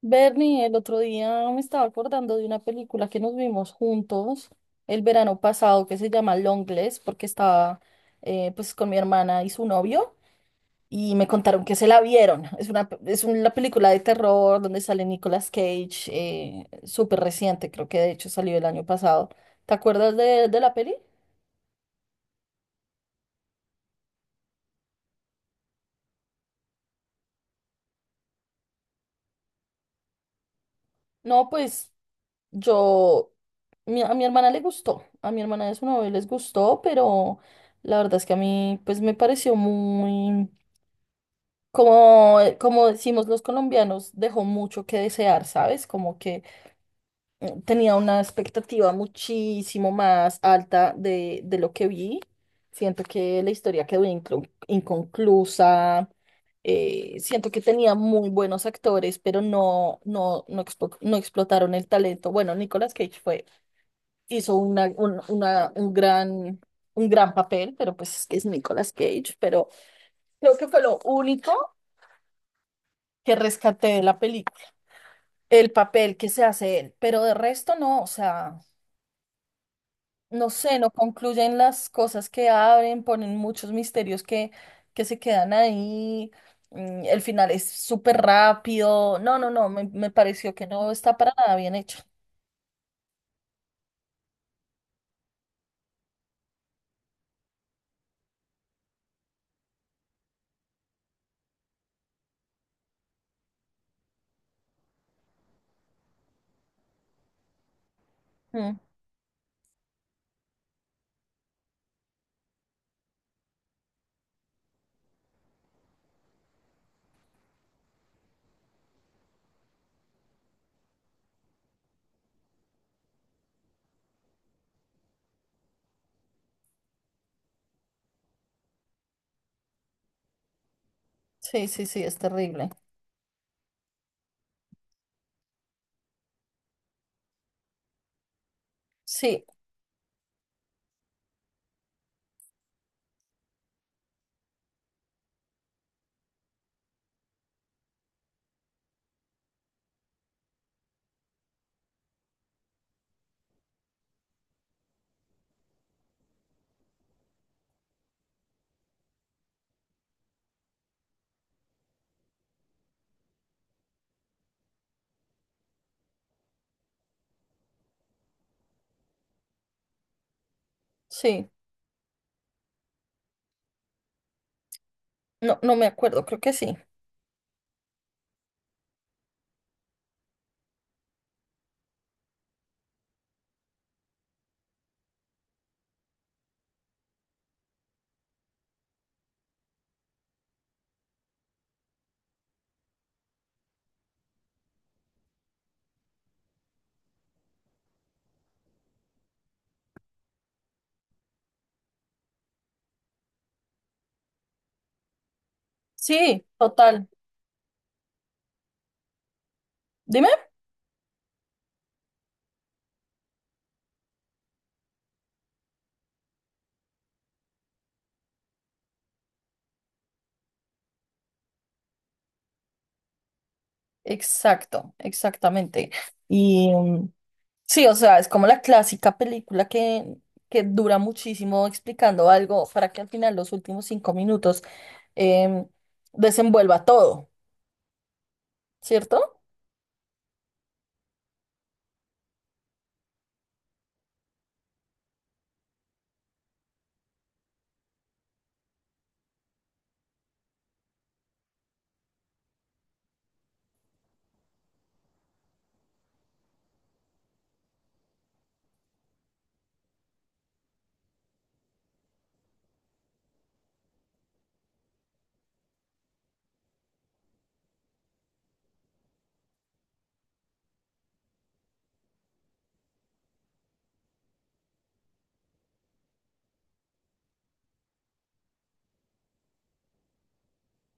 Bernie, el otro día me estaba acordando de una película que nos vimos juntos el verano pasado que se llama Longlegs porque estaba pues con mi hermana y su novio y me contaron que se la vieron. Es una, es una película de terror donde sale Nicolas Cage, súper reciente, creo que de hecho salió el año pasado. ¿Te acuerdas de la peli? No, pues yo, a mi hermana le gustó, a mi hermana de su novio les gustó, pero la verdad es que a mí pues me pareció muy, como, como decimos los colombianos, dejó mucho que desear, ¿sabes? Como que tenía una expectativa muchísimo más alta de lo que vi. Siento que la historia quedó inconclusa. Siento que tenía muy buenos actores, pero no, no explotaron el talento. Bueno, Nicolas Cage fue, hizo un gran papel, pero pues es que es Nicolas Cage, pero creo que fue lo único que rescaté de la película, el papel que se hace él, pero de resto no, o sea, no sé, no concluyen las cosas que abren, ponen muchos misterios que se quedan ahí. El final es súper rápido. No, me pareció que no está para nada bien hecho. Mm. Sí, sí, sí, es terrible. Sí, sí. No, no me acuerdo, creo que sí. Sí, total. Dime. Exacto, exactamente. y mm, Sí, o sea, es como la clásica película que dura muchísimo explicando algo para que al final los últimos 5 minutos em, desenvuelva todo, ¿cierto?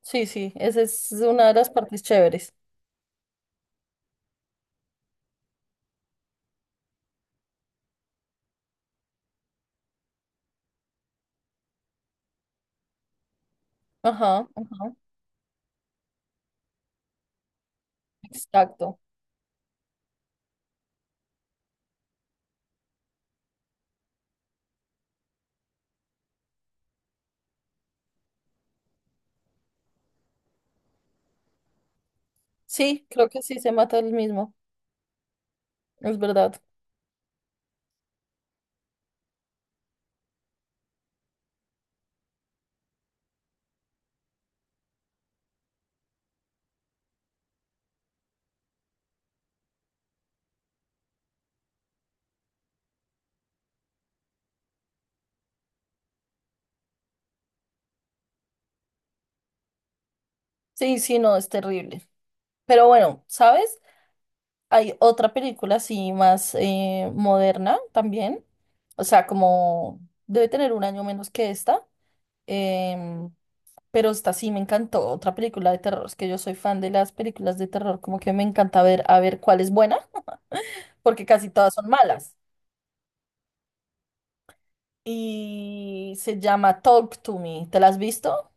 Sí, sí, esa es una de las partes chéveres. Ajá, ajá, exacto. Sí, creo que sí se mata el mismo, es verdad. Sí, sí, no, es terrible. Pero bueno, ¿sabes? Hay otra película así más moderna también, o sea, como debe tener un año menos que esta. Em, pero esta sí me encantó, otra película de terror. Es que yo soy fan de las películas de terror, como que me encanta ver a ver cuál es buena, porque casi todas son malas. Y se llama Talk to Me. ¿Te la has visto?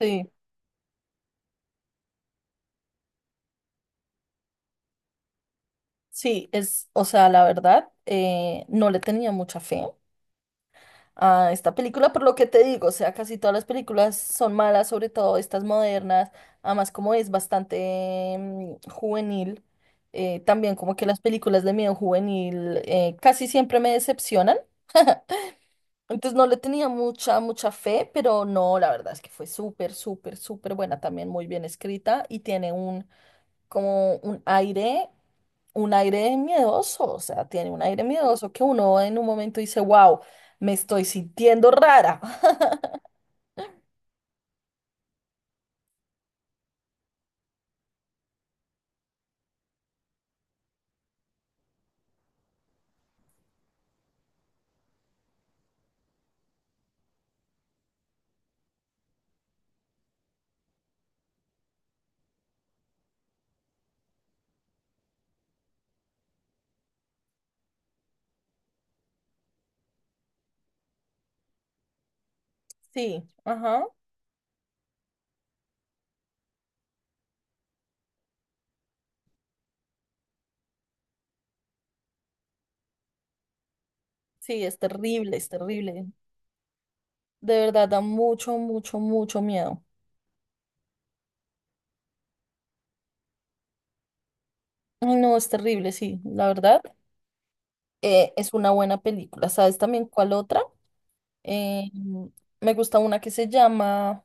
Sí. Sí, es, o sea, la verdad, no le tenía mucha fe a esta película, por lo que te digo, o sea, casi todas las películas son malas, sobre todo estas modernas, además como es bastante juvenil, también como que las películas de miedo juvenil casi siempre me decepcionan, entonces no le tenía mucha, mucha fe, pero no, la verdad es que fue súper, súper, súper buena, también muy bien escrita y tiene un, como un aire miedoso, o sea, tiene un aire miedoso que uno en un momento dice, wow, me estoy sintiendo rara. Sí, ajá. Sí, es terrible, es terrible. De verdad, da mucho, mucho, mucho miedo. Ay, no, es terrible, sí, la verdad. Eh, es una buena película. ¿Sabes también cuál otra? Eh, me gusta una que se llama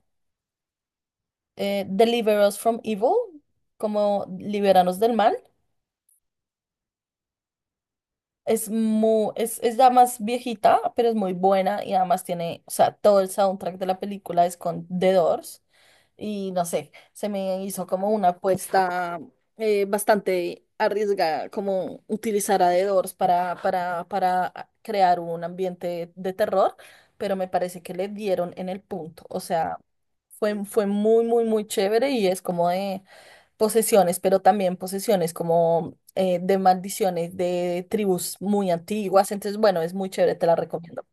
Deliver Us from Evil, como Liberanos del Mal. Es muy, es ya más viejita, pero es muy buena y además tiene, o sea, todo el soundtrack de la película es con The Doors. Y no sé, se me hizo como una apuesta bastante arriesgada, como utilizar a The Doors para crear un ambiente de terror, pero me parece que le dieron en el punto, o sea, fue, fue muy, muy, muy chévere y es como de posesiones, pero también posesiones como de maldiciones de tribus muy antiguas, entonces bueno, es muy chévere, te la recomiendo.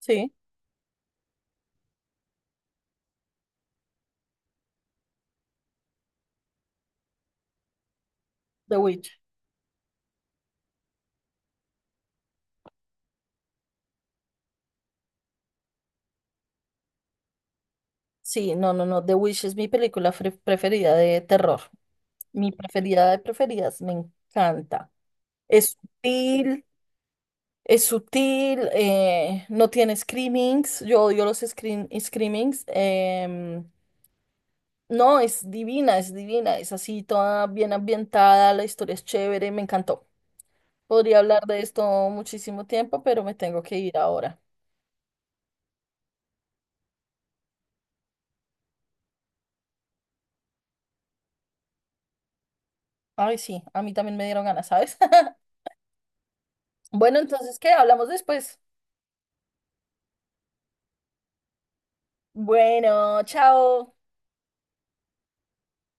Sí, The Witch. Sí, no, no, no. The Wish es mi película preferida de terror. Mi preferida de preferidas, me encanta. Es sutil, es sutil, no tiene screamings. Yo odio los screamings. No, es divina, es divina. Es así, toda bien ambientada, la historia es chévere, me encantó. Podría hablar de esto muchísimo tiempo, pero me tengo que ir ahora. Ay, sí, a mí también me dieron ganas, ¿sabes? Bueno, entonces, ¿qué? Hablamos después. Bueno, chao.